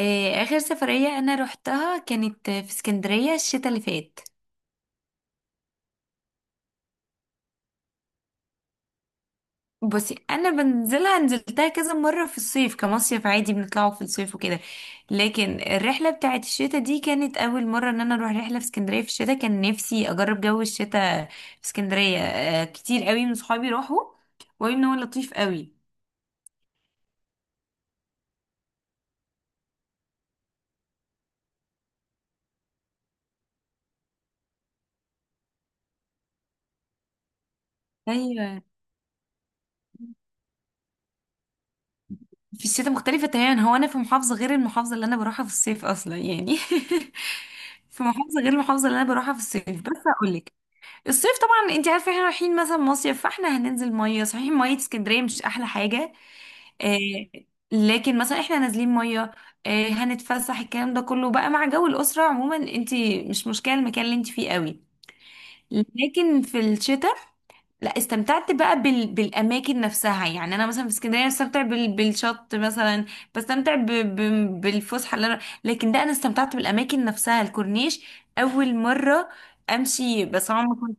آه، آخر سفرية أنا روحتها كانت في اسكندرية الشتاء اللي فات. بصي، أنا بنزلها، نزلتها كذا مرة في الصيف كمصيف عادي، بنطلعوا في الصيف وكده. لكن الرحلة بتاعت الشتاء دي كانت أول مرة إن أنا أروح رحلة في اسكندرية في الشتاء. كان نفسي أجرب جو الشتاء في اسكندرية. آه، كتير قوي من صحابي راحوا وقالوا إن هو لطيف قوي. أيوة. في الشتاء مختلفة تماما، هو أنا في محافظة غير المحافظة اللي أنا بروحها في الصيف أصلا، يعني في محافظة غير المحافظة اللي أنا بروحها في الصيف، بس أقولك، الصيف طبعا انت عارفه احنا رايحين مثلا مصيف، فاحنا هننزل ميه، صحيح ميه اسكندريه مش احلى حاجه. آه. لكن مثلا احنا نازلين ميه، آه هنتفسح، الكلام ده كله بقى مع جو الاسره عموما، انت مش مشكله المكان اللي انت فيه قوي. لكن في الشتاء لا، استمتعت بقى بال بالاماكن نفسها، يعني انا مثلا في اسكندريه بستمتع بال بالشط مثلا، بستمتع ب ب بالفسحه اللي انا، لكن ده انا استمتعت بالاماكن نفسها، الكورنيش اول مره امشي بس عمري،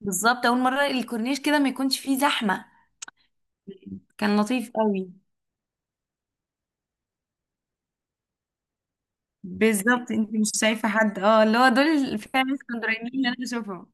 بالظبط اول مره الكورنيش كده ما يكونش فيه زحمه، كان لطيف قوي. بالظبط، انت مش شايفه حد، اه اللي هو دول فعلا اسكندرانيين اللي انا بشوفهم.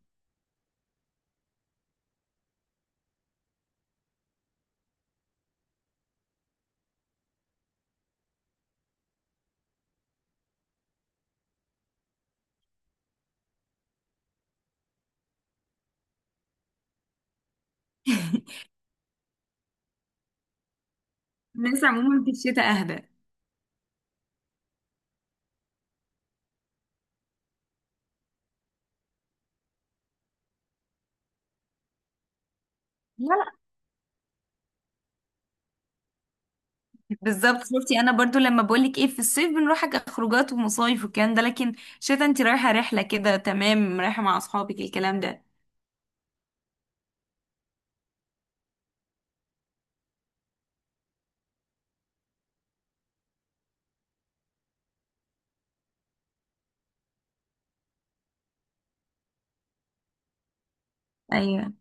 الناس عموما في الشتاء اهدى، لا لا بالظبط، شفتي انا برضو لما بقولك ايه، في الصيف بنروح خروجات ومصايف والكلام ده، لكن شتا انت رايحه رحله كده، تمام، رايحه مع اصحابك الكلام ده. ايوه.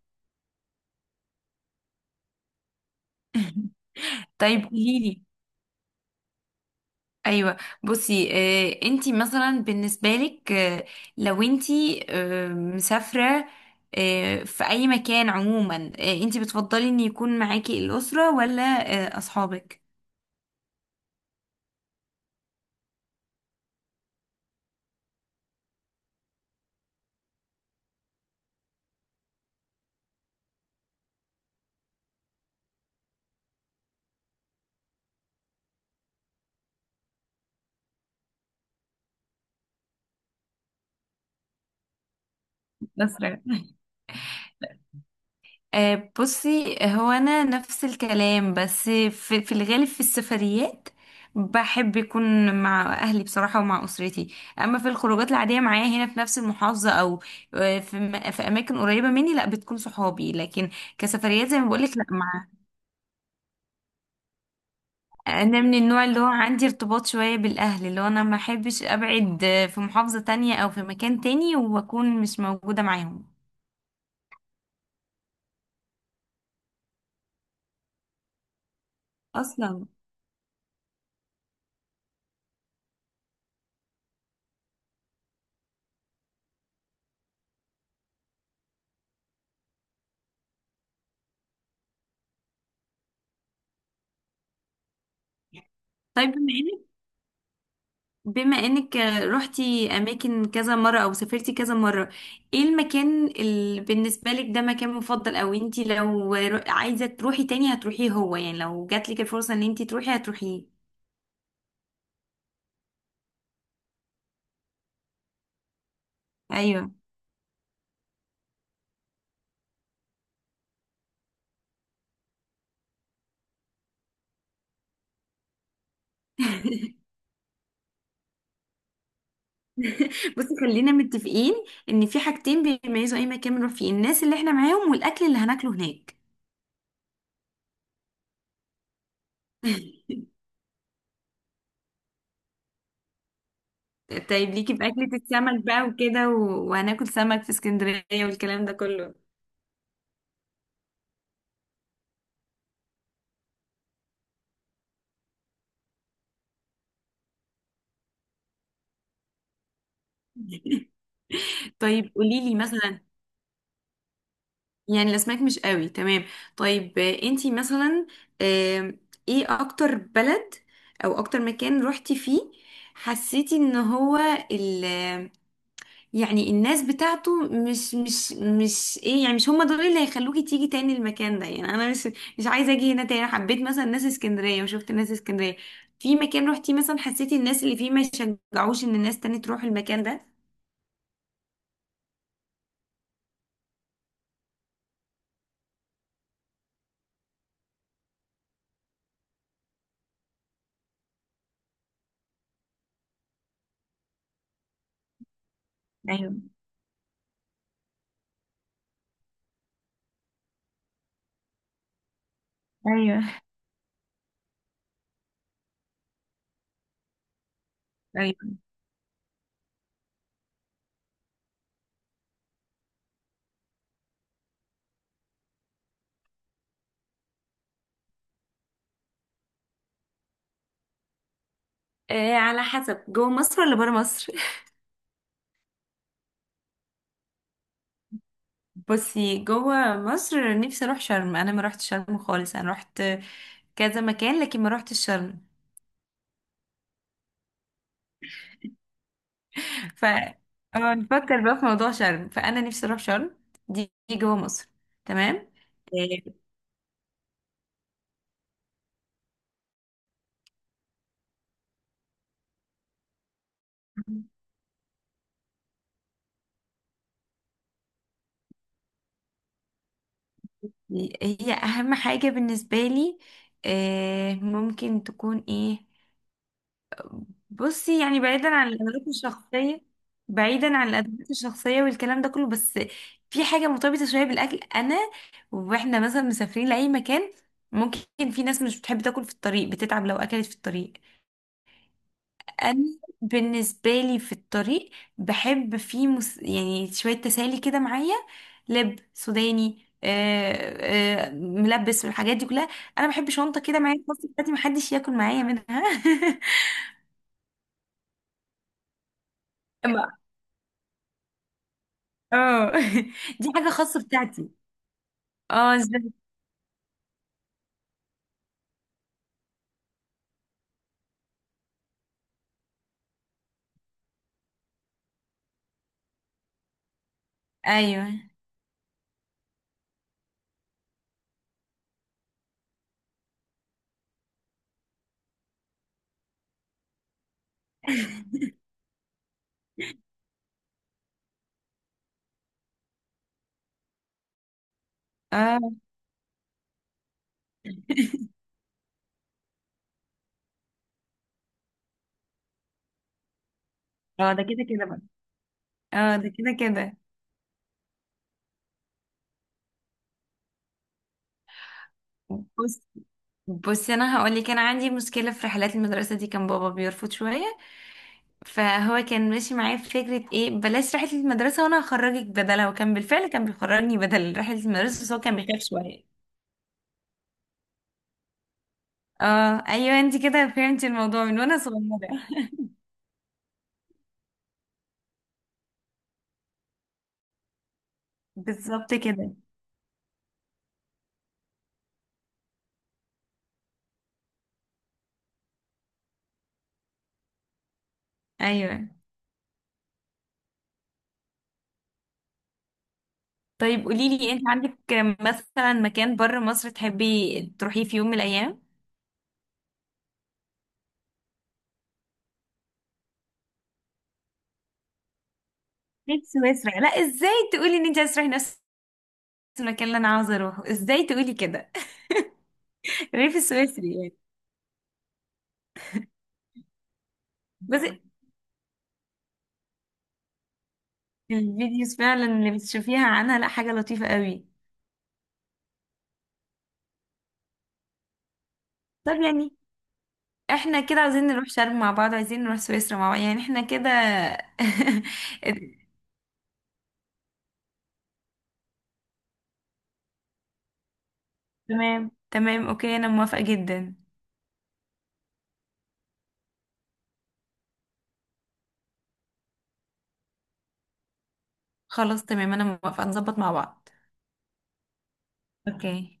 طيب قوليلي. ايوه. بصي آه، انتي مثلا بالنسبه لك، آه لو انتي آه مسافره آه في اي مكان عموما، آه انتي بتفضلي ان يكون معاكي الاسره ولا آه اصحابك؟ الأسرة. آه، بصي هو انا نفس الكلام، بس في الغالب، في السفريات بحب يكون مع اهلي بصراحة، ومع اسرتي. اما في الخروجات العادية معايا هنا في نفس المحافظة، او آه، في اماكن قريبة مني، لا بتكون صحابي. لكن كسفريات زي ما بقولك، لا مع، انا من النوع اللي هو عندي ارتباط شوية بالاهل، اللي هو انا ما احبش ابعد آه، في محافظة تانية او في مكان تاني واكون مش موجودة معاهم اصلا. طيب، بما انك رحتي اماكن كذا مرة، او سافرتي كذا مرة، ايه المكان اللي بالنسبة لك ده مكان مفضل، او انتي لو عايزة تروحي تاني هتروحيه؟ هو يعني لو جاتلك الفرصة ان انتي تروحي هتروحيه؟ ايوه. بصي خلينا متفقين ان في حاجتين بيميزوا اي مكان بنروح فيه: الناس اللي احنا معاهم، والاكل اللي هناكله هناك. طيب ليكي باكلة السمك بقى وكده وهناكل سمك في اسكندرية والكلام ده كله. طيب قوليلي مثلا، يعني الاسماك مش قوي تمام. طيب آه، انتي مثلا آم، ايه اكتر بلد او اكتر مكان روحتي فيه حسيتي ان هو ال، يعني الناس بتاعته مش ايه، يعني مش هم دول اللي هيخلوكي تيجي تاني المكان ده، يعني انا مش مش عايزه اجي هنا تاني. أنا حبيت مثلا ناس اسكندريه وشفت ناس اسكندريه، في مكان روحتي مثلا حسيتي الناس اللي فيه ما يشجعوش ان الناس تاني تروح المكان ده؟ ايوه. ايوه. ايوه. آه، على حسب جوه مصر ولا بره مصر؟ بصي جوه مصر، نفسي اروح شرم، انا ما رحت شرم خالص، انا رحت كذا مكان لكن ما رحت شرم. ف اه نفكر بقى في موضوع شرم، فانا نفسي اروح شرم. دي جوه مصر. تمام. آه، هي اهم حاجة بالنسبة لي آه، ممكن تكون ايه؟ بصي يعني بعيدا عن الادوات الشخصيه، بعيدا عن الادوات الشخصيه والكلام ده كله، بس في حاجه مرتبطه شويه بالاكل، انا واحنا مثلا مسافرين لاي مكان، ممكن في ناس مش بتحب تاكل في الطريق، بتتعب لو اكلت في الطريق. انا بالنسبه لي في الطريق بحب في يعني شويه تسالي كده معايا، لب سوداني آه، آه، ملبس والحاجات دي كلها. انا بحب شنطه كده معايا في الباص بتاعتي محدش ياكل معايا منها. اه. دي حاجة خاصة بتاعتي. اه، ازاي؟ ايوه. اه. اه ده كده كده بقى. اه ده كده كده. بص بصي انا هقول لك، انا عندي مشكله في رحلات المدرسه دي، كان بابا بيرفض شويه، فهو كان ماشي معايا في فكره ايه بلاش رحله المدرسه وانا هخرجك بدلها، وكان بالفعل كان بيخرجني بدل رحله المدرسه، بس هو كان بيخاف شويه. اه ايوه، انت كده فهمتي الموضوع من وانا صغيره. بالظبط كده. ايوه. طيب قوليلي، انت عندك مثلا مكان بره مصر تحبي تروحيه في يوم من الايام؟ ليه سويسرا؟ لا ازاي تقولي ان انت عايزه تروحي نفس المكان اللي انا عاوزه اروحه؟ ازاي تقولي كده؟ الريف السويسري يعني. بس الفيديوز فعلا اللي بتشوفيها عنها لا حاجه لطيفه قوي. طب يعني احنا كده عايزين نروح شرم مع بعض، عايزين نروح سويسرا مع بعض، يعني احنا كده. تمام تمام، اوكي، انا موافقه جدا. خلاص تمام، انا موافقه نظبط مع بعض. اوكي.